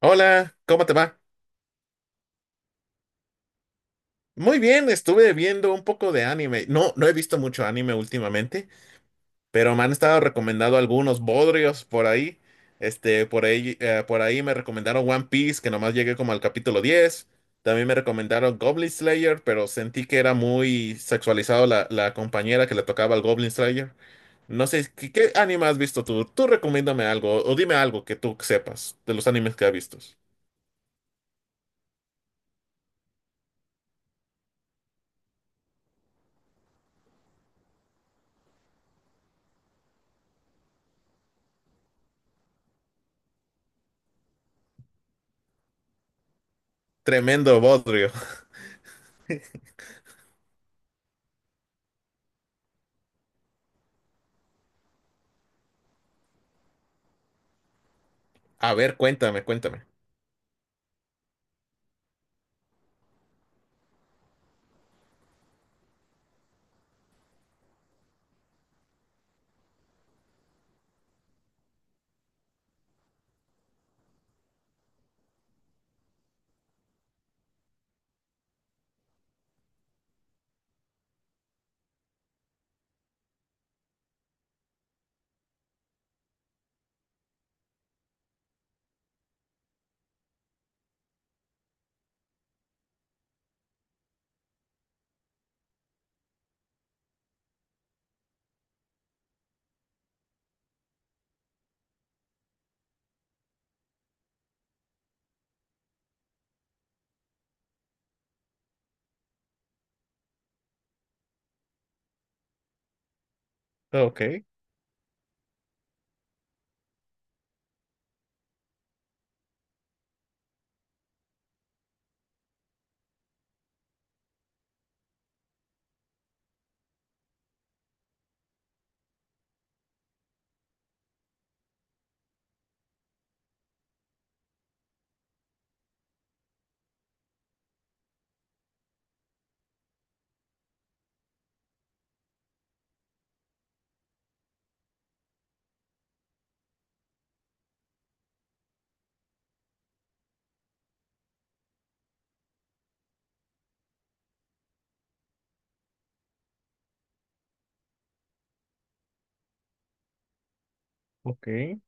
Hola, ¿cómo te va? Muy bien, estuve viendo un poco de anime. No, no he visto mucho anime últimamente, pero me han estado recomendando algunos bodrios por ahí. Este, por ahí me recomendaron One Piece, que nomás llegué como al capítulo 10. También me recomendaron Goblin Slayer, pero sentí que era muy sexualizado la compañera que le tocaba al Goblin Slayer. No sé, ¿qué anime has visto tú? Tú recomiéndame algo, o dime algo que tú sepas de los animes que has visto. Tremendo bodrio. A ver, cuéntame, cuéntame. Ok, ok.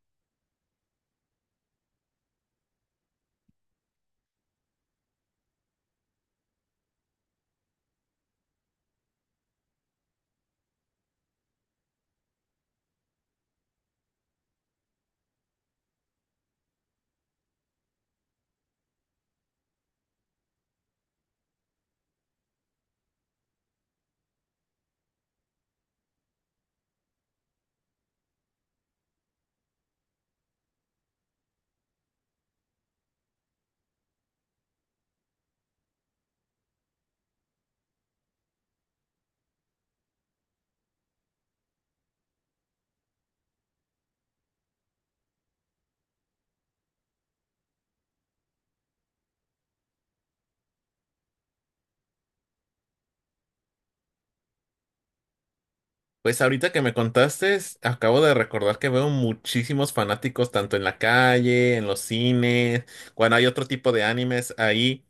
Pues ahorita que me contaste, acabo de recordar que veo muchísimos fanáticos tanto en la calle, en los cines, cuando hay otro tipo de animes ahí.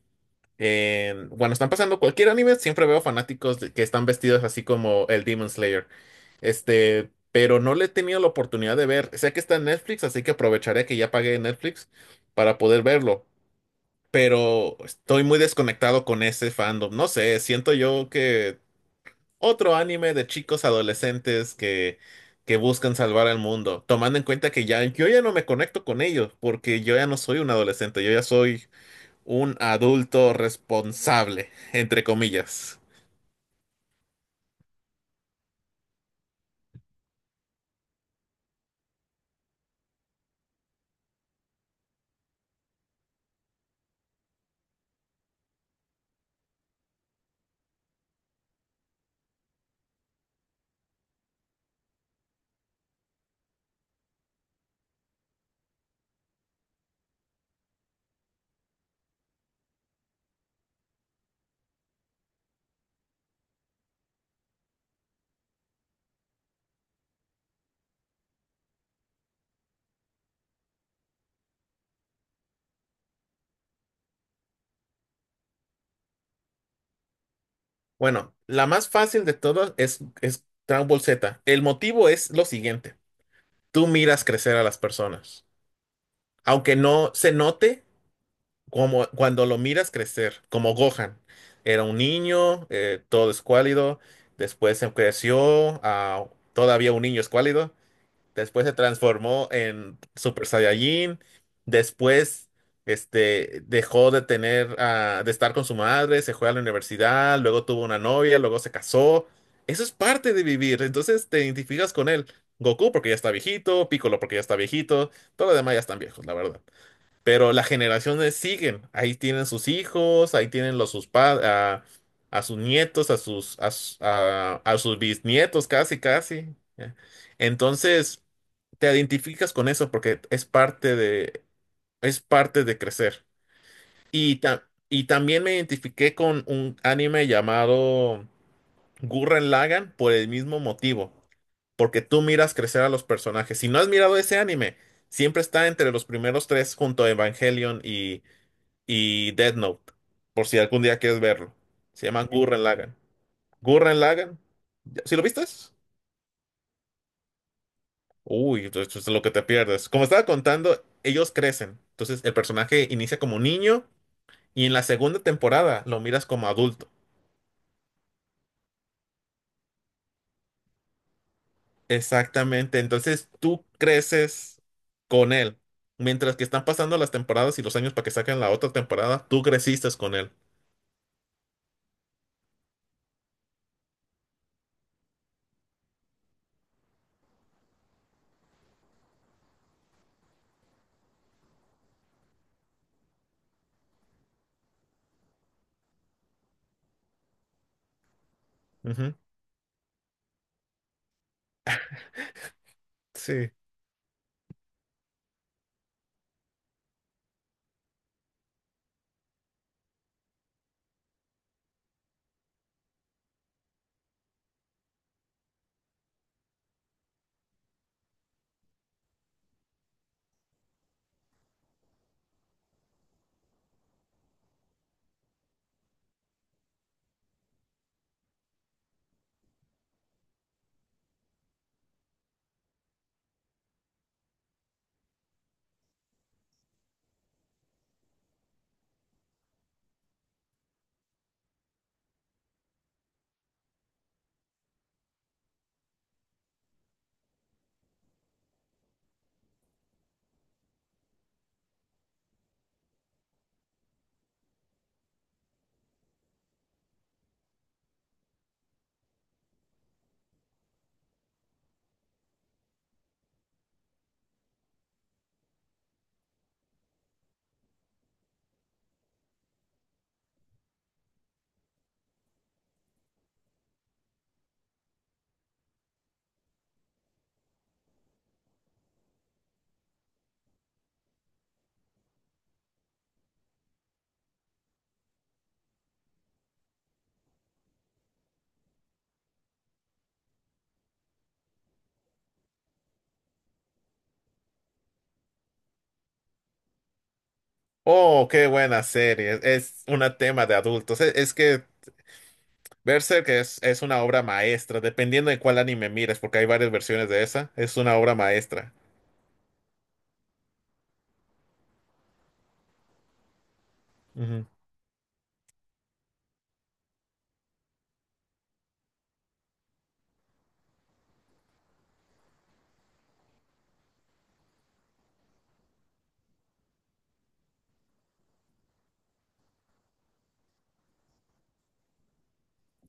Cuando están pasando cualquier anime, siempre veo fanáticos que están vestidos así como el Demon Slayer. Este, pero no le he tenido la oportunidad de ver. Sé que está en Netflix, así que aprovecharé que ya pagué Netflix para poder verlo. Pero estoy muy desconectado con ese fandom. No sé, siento yo que otro anime de chicos adolescentes que buscan salvar al mundo, tomando en cuenta que ya yo ya no me conecto con ellos, porque yo ya no soy un adolescente, yo ya soy un adulto responsable, entre comillas. Bueno, la más fácil de todas es Dragon Ball Z. El motivo es lo siguiente. Tú miras crecer a las personas. Aunque no se note, como cuando lo miras crecer, como Gohan. Era un niño, todo escuálido, después se creció a todavía un niño escuálido, después se transformó en Super Saiyajin, después este, dejó de tener, de estar con su madre, se fue a la universidad, luego tuvo una novia, luego se casó. Eso es parte de vivir, entonces te identificas con él. Goku porque ya está viejito, Piccolo porque ya está viejito, todos los demás ya están viejos, la verdad. Pero las generaciones siguen, ahí tienen sus hijos, ahí tienen sus padres, a sus nietos, a sus bisnietos, casi, casi. ¿Ya? Entonces, te identificas con eso porque es parte de crecer. Y, y también me identifiqué con un anime llamado Gurren Lagann por el mismo motivo, porque tú miras crecer a los personajes. Si no has mirado ese anime, siempre está entre los primeros tres junto a Evangelion y Death Note, por si algún día quieres verlo. Se llaman Gurren Lagann. Gurren Lagann, ¿sí lo viste? Uy, esto es lo que te pierdes. Como estaba contando, ellos crecen. Entonces el personaje inicia como niño y en la segunda temporada lo miras como adulto. Exactamente, entonces tú creces con él. Mientras que están pasando las temporadas y los años para que saquen la otra temporada, tú creciste con él. Ujú, sí. Oh, qué buena serie. Es un tema de adultos. Es que Berserk es una obra maestra, dependiendo de cuál anime mires, porque hay varias versiones de esa, es una obra maestra. Ujú.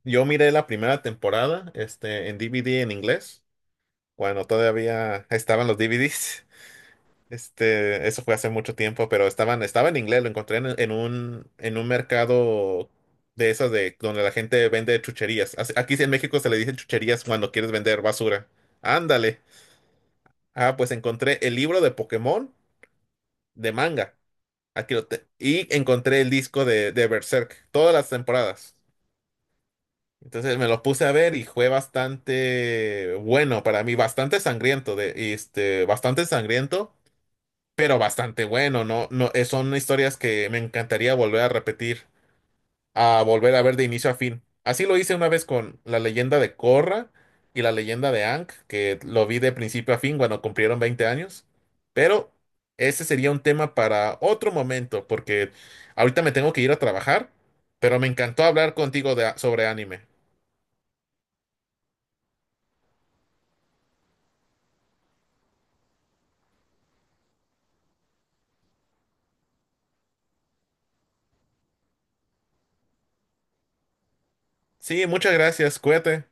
Yo miré la primera temporada, este, en DVD en inglés, cuando todavía estaban los DVDs. Este, eso fue hace mucho tiempo, pero estaban, estaba en inglés, lo encontré en un mercado de esas de donde la gente vende chucherías. Aquí en México se le dicen chucherías cuando quieres vender basura. Ándale. Ah, pues encontré el libro de Pokémon de manga. Y encontré el disco de Berserk, todas las temporadas. Entonces me lo puse a ver y fue bastante bueno para mí, bastante sangriento, bastante sangriento, pero bastante bueno, ¿no? No, son historias que me encantaría volver a repetir a volver a ver de inicio a fin. Así lo hice una vez con la leyenda de Korra y la leyenda de Aang, que lo vi de principio a fin cuando cumplieron 20 años. Pero ese sería un tema para otro momento, porque ahorita me tengo que ir a trabajar, pero me encantó hablar contigo sobre anime. Sí, muchas gracias, cuídate.